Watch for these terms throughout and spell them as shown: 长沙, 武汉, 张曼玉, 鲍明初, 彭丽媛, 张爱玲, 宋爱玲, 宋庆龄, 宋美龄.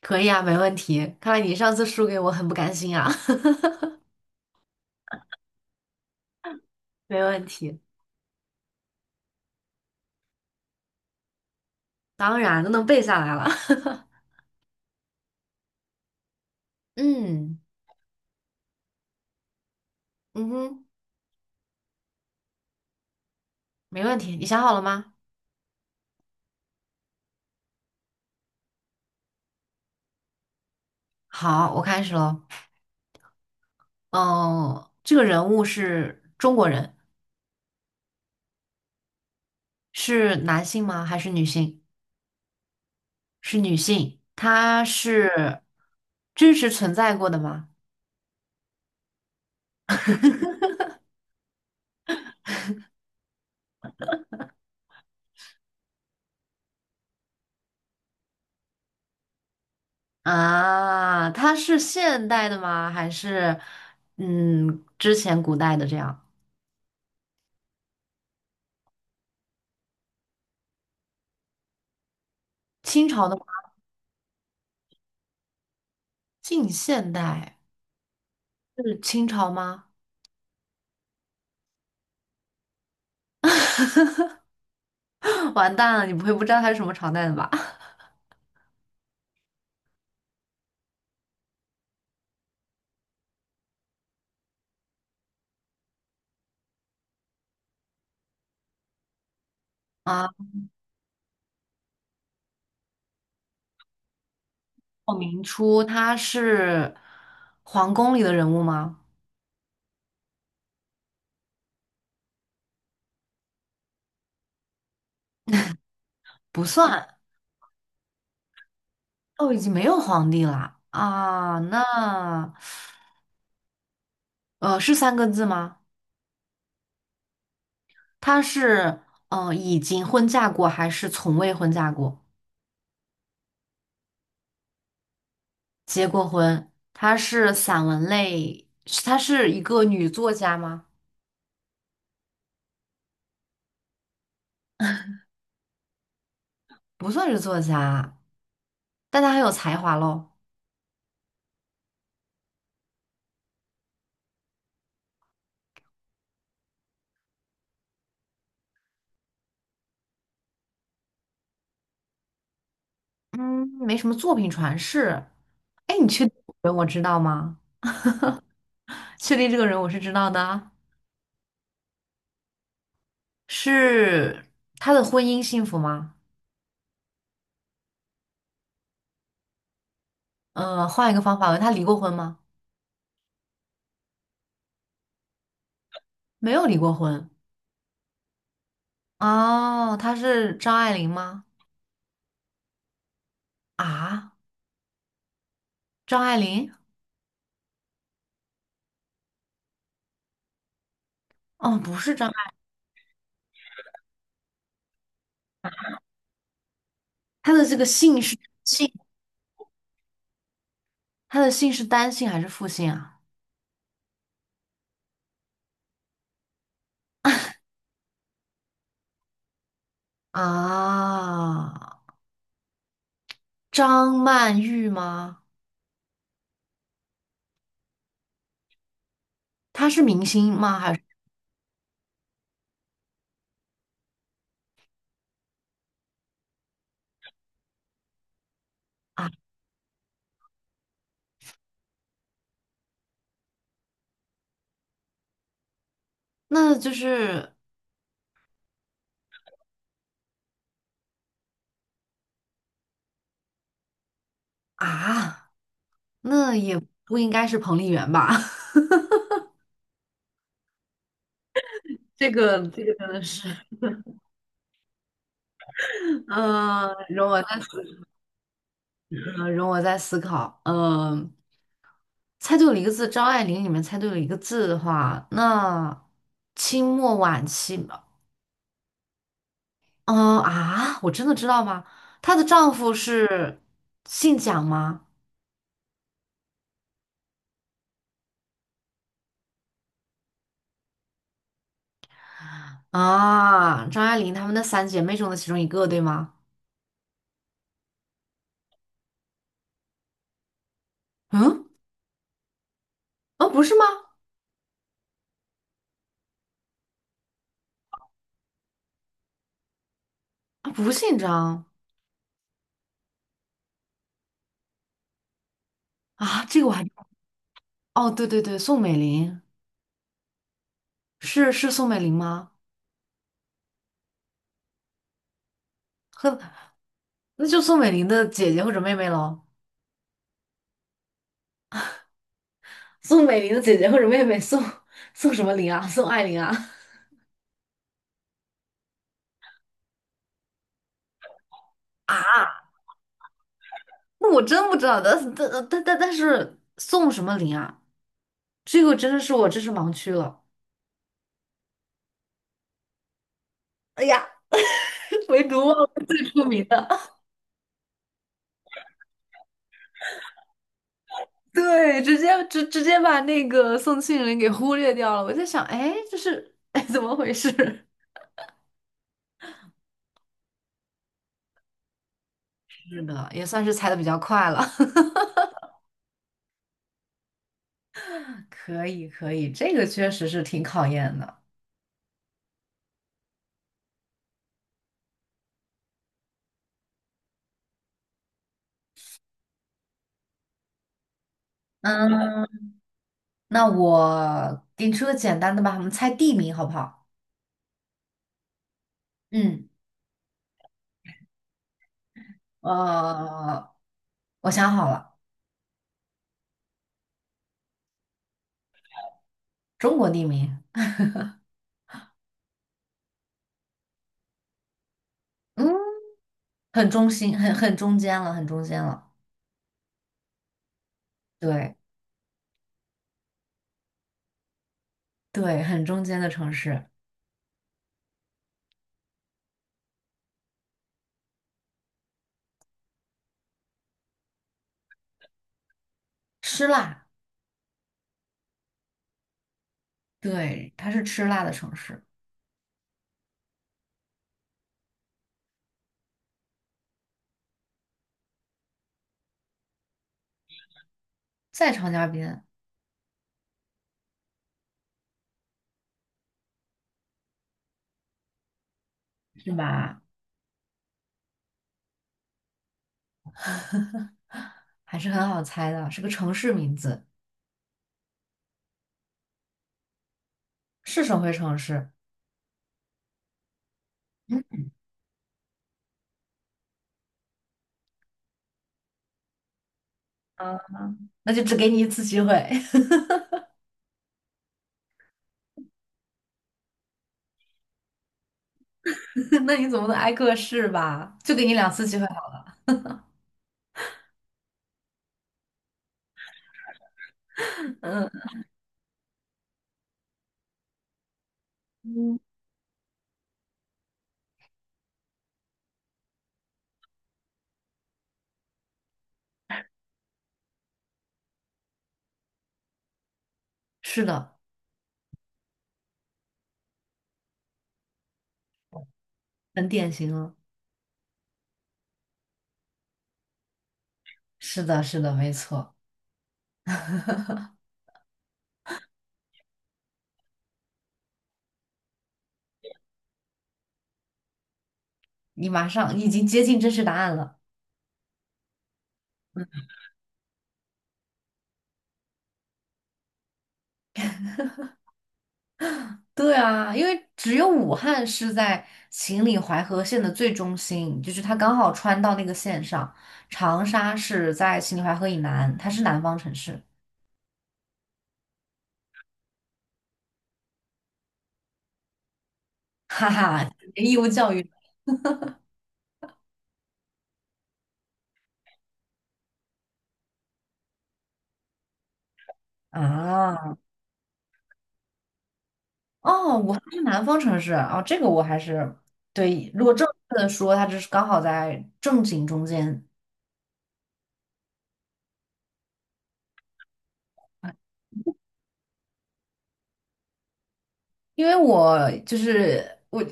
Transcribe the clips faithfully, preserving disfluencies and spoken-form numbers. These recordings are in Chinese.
可以啊，没问题。看来你上次输给我很不甘心啊，没问题，当然都能背下来了。嗯嗯哼，没问题。你想好了吗？好，我开始喽。嗯，这个人物是中国人，是男性吗？还是女性？是女性。她是真实存在过的吗？啊，她是现代的吗？还是嗯之前古代的这样？清朝的吗？近现代是清朝吗？完蛋了，你不会不知道他是什么朝代的吧？啊，鲍明初他是皇宫里的人物吗？不算，哦，已经没有皇帝了啊。那呃，是三个字吗？他是嗯，呃已经婚嫁过还是从未婚嫁过？结过婚？他是散文类，是他是一个女作家吗？不算是作家啊，但她很有才华喽。嗯，没什么作品传世。哎，你确定这个人我知道吗？确定这个人我是知道的啊。是他的婚姻幸福吗？嗯，换一个方法问，他离过婚吗？没有离过婚。哦，他是张爱玲吗？啊，张爱玲？哦，不是张爱。她的这个姓是姓，她的姓是单姓还是复姓啊？啊，张曼玉吗？她是明星吗？还是啊？那就是啊，那也不应该是彭丽媛吧？这个这个真的是。嗯、容我再嗯，呃容我再思考。嗯、猜对了一个字，张爱玲里面猜对了一个字的话，那清末晚期吧。嗯、啊，我真的知道吗？她的丈夫是姓蒋吗？啊，张爱玲她们的三姐妹中的其中一个，对吗？嗯，啊，不是吗？啊，不姓张啊，这个我还。哦，对对对，宋美龄。是是宋美龄吗？呵，那就宋美龄的姐姐或者妹妹喽。宋美龄的姐姐或者妹妹宋宋什么龄啊？宋爱玲啊？啊，那我真不知道，但是但但但但是宋什么龄啊？这个真的是我知识盲区了。哎呀，唯独忘了最出名的。对，直接直直接把那个宋庆龄给忽略掉了。我在想，哎，这是哎怎么回事？是的，也算是猜的比较快了。可以可以，这个确实是挺考验的。嗯，那我给你出个简单的吧，我们猜地名好不好？嗯，呃，我想好了，中国地名。嗯，很中心，很很中间了，很中间了，对对，很中间的城市，吃辣，对，它是吃辣的城市，在长江边是吧？还是很好猜的，是个城市名字，是省会城市，啊，那就只给你一次机会。那你总不能挨个试吧？就给你两次机会好了。嗯，嗯，是的。很典型了。是的，是的，没错，你马上。你已经接近真实答案了。对啊，因为只有武汉是在秦岭淮河线的最中心，就是它刚好穿到那个线上。长沙是在秦岭淮河以南，它是南方城市。哈哈，义务教育啊，哦，武汉是南方城市啊。哦，这个我还是对。如果正确的说，它就是刚好在正经中间。因为我就是我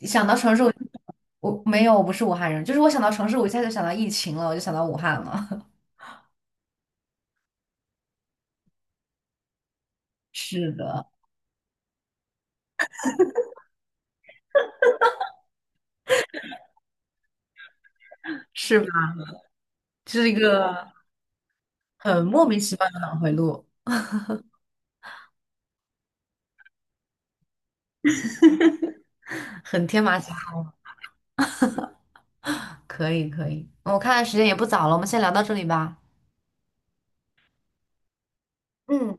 想到城市我，我没有，我不是武汉人，就是我想到城市，我一下就想到疫情了，我就想到武汉了。是的，是吧？这是一个很莫名其妙的脑回路，很天马行空。可以，可以。嗯我看时间也不早了，我们先聊到这里吧。嗯，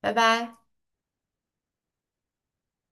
拜拜。